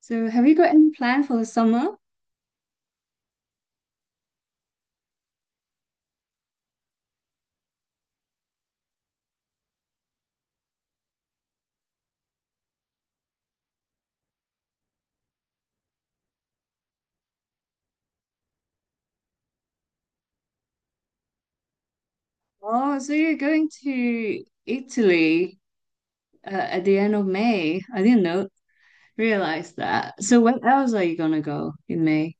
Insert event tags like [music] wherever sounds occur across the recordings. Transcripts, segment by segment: So, have you got any plan for the summer? Oh, so you're going to Italy at the end of May. I didn't know, realize that. So, when else are you gonna go in May?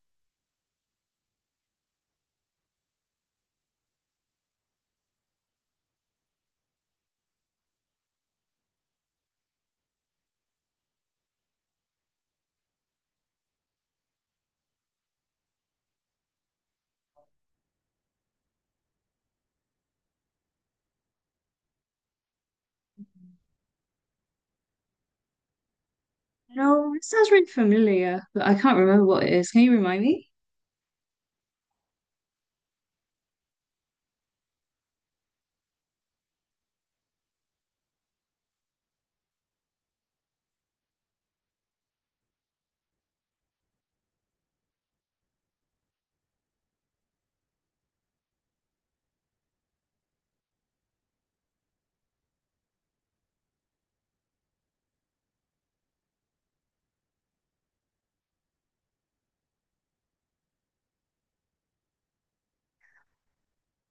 No, it sounds really familiar, but I can't remember what it is. Can you remind me?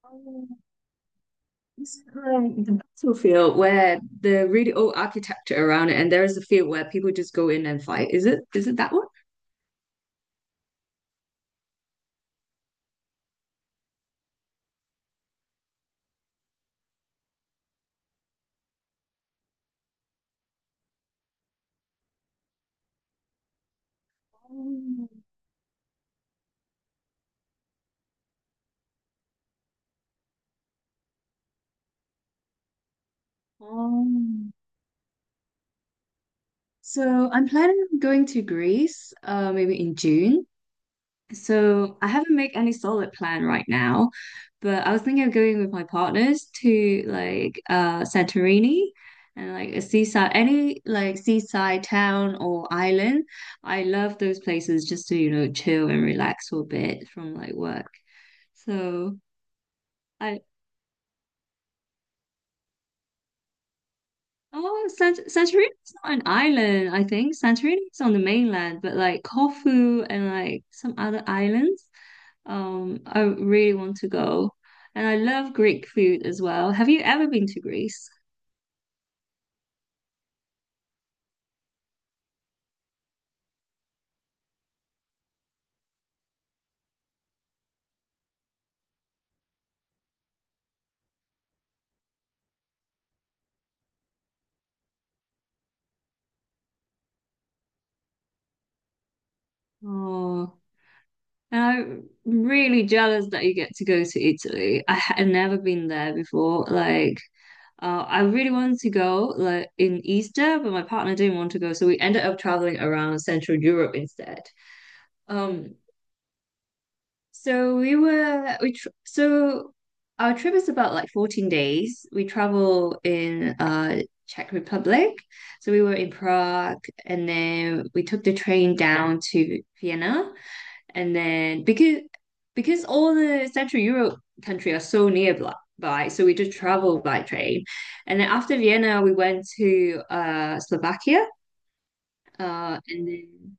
Oh, It's like the battlefield where the really old architecture around it, and there is a field where people just go in and fight. Is it? Is it that one? Oh, oh, so I'm planning on going to Greece, maybe in June. So I haven't made any solid plan right now, but I was thinking of going with my partners to like Santorini and like a seaside, any like seaside town or island. I love those places just to, you know, chill and relax for a bit from like work. So I Oh, Santorini is not an island, I think. Santorini is on the mainland, but like Corfu and like some other islands, I really want to go. And I love Greek food as well. Have you ever been to Greece? Oh, and I'm really jealous that you get to go to Italy. I had never been there before. Like, I really wanted to go like in Easter, but my partner didn't want to go, so we ended up traveling around Central Europe instead. Um, So we were we tr so our trip is about like 14 days. We travel in Czech Republic. So we were in Prague and then we took the train down to Vienna, and then because all the Central Europe country are so nearby, so we just traveled by train. And then after Vienna we went to Slovakia, and then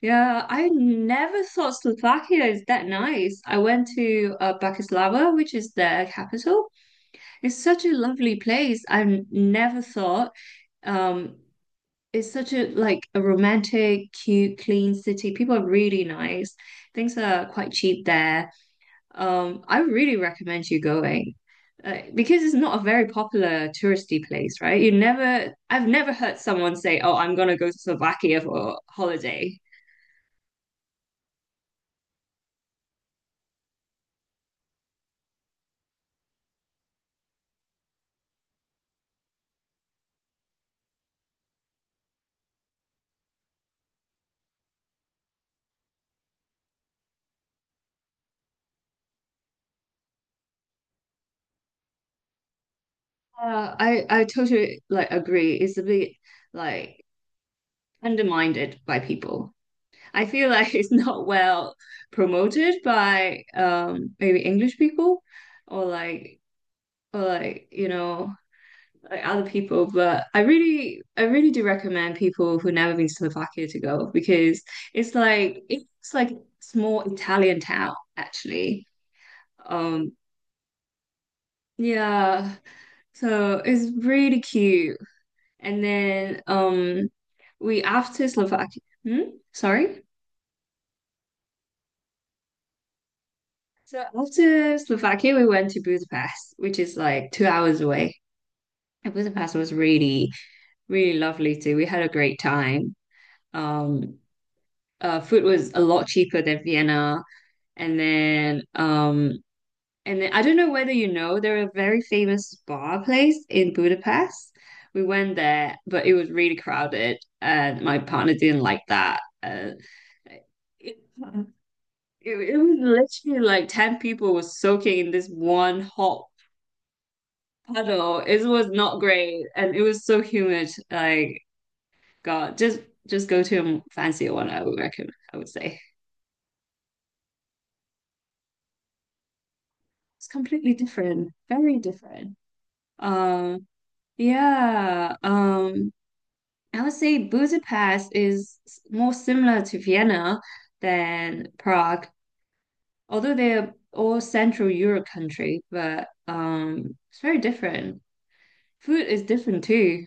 yeah, I never thought Slovakia is that nice. I went to Bratislava, which is their capital. It's such a lovely place. I never thought um, it's such a like a romantic, cute, clean city. People are really nice. Things are quite cheap there. I really recommend you going. Because it's not a very popular touristy place, right? You never, I've never heard someone say, "Oh, I'm gonna go to Slovakia for holiday." I totally like agree. It's a bit like undermined by people. I feel [laughs] like it's not well promoted by maybe English people or like or like you know like other people. But I really do recommend people who've never been to Slovakia to go because it's like small Italian town actually. Um yeah, so it's really cute. And then we after Slovakia. Hmm? Sorry? So after Slovakia, we went to Budapest, which is like 2 hours away. And Budapest was really, really lovely too. We had a great time. Um, Food was a lot cheaper than Vienna. And then, I don't know whether you know, there are a very famous bar place in Budapest. We went there, but it was really crowded, and my partner didn't like that. [laughs] It was literally like 10 people were soaking in this one hot puddle. It was not great and it was so humid. Like, God, just go to a fancier one, I would recommend, I would say. It's completely different, very different. Um, yeah, um, I would say Budapest is more similar to Vienna than Prague, although they're all Central Europe country, but it's very different. Food is different too.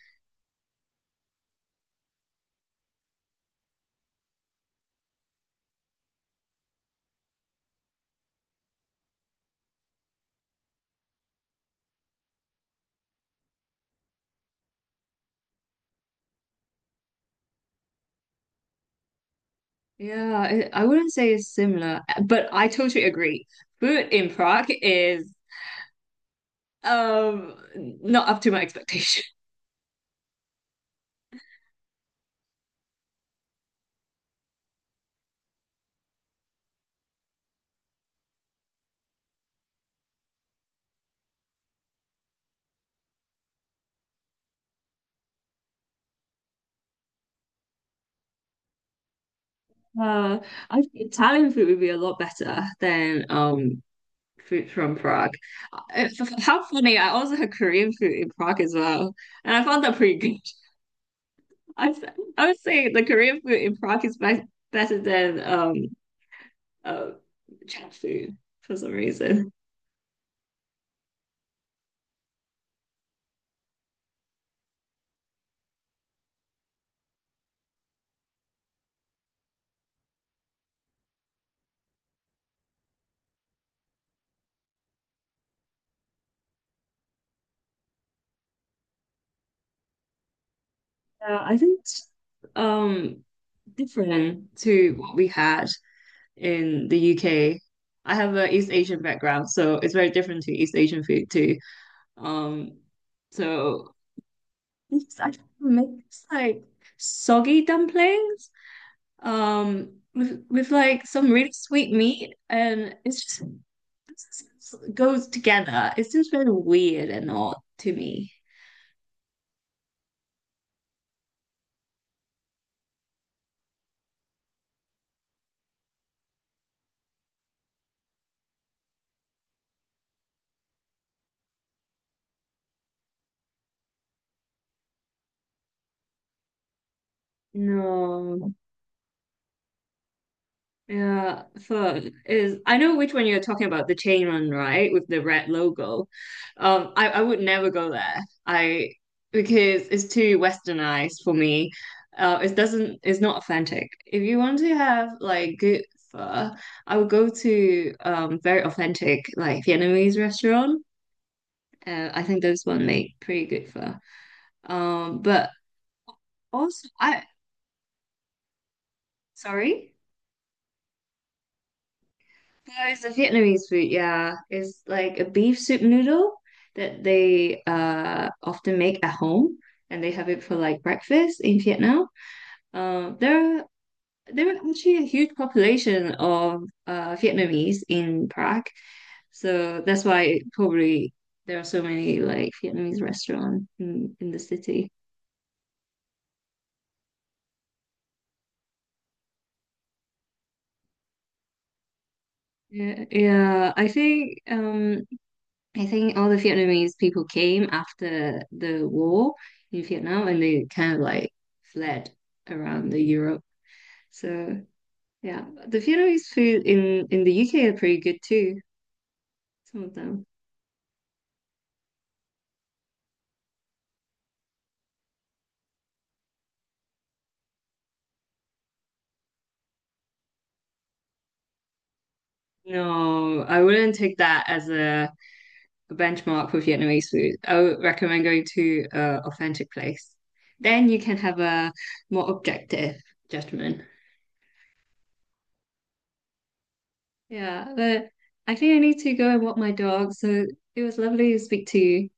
Yeah, I wouldn't say it's similar, but I totally agree. Food in Prague is not up to my [laughs] expectation. Uh, think Italian food would be a lot better than food from Prague. Uh, How funny! I also had Korean food in Prague as well, and I found that pretty good. [laughs] I s- I would say the Korean food in Prague is be better than uh Czech food for some reason. Yeah, I think it's um different to what we had in the UK. I have an East Asian background, so it's very different to East Asian food too. Um, so it's- I Make this like soggy dumplings, with like some really sweet meat, and it's just it just goes together. It's just very weird and odd to me. No. Yeah, fun is I know which one you're talking about, the chain one, right? With the red logo. I would never go there. I Because it's too westernized for me. It's not authentic. If you want to have like good pho, I would go to very authentic like Vietnamese restaurant. I think those one make pretty good pho. But also I sorry. No, it's a Vietnamese food, yeah. It's like a beef soup noodle that they often make at home and they have it for like breakfast in Vietnam. Um there are there are actually a huge population of Vietnamese in Prague. So that's why it probably there are so many like Vietnamese restaurants in the city. Yeah, yeah. I think all the Vietnamese people came after the war in Vietnam and they kind of like fled around the Europe. So yeah, the Vietnamese food in the UK are pretty good too, some of them. No, I wouldn't take that as a benchmark for Vietnamese food. I would recommend going to an authentic place. Then you can have a more objective judgment. Yeah, but I think I need to go and walk my dog, so it was lovely to speak to you.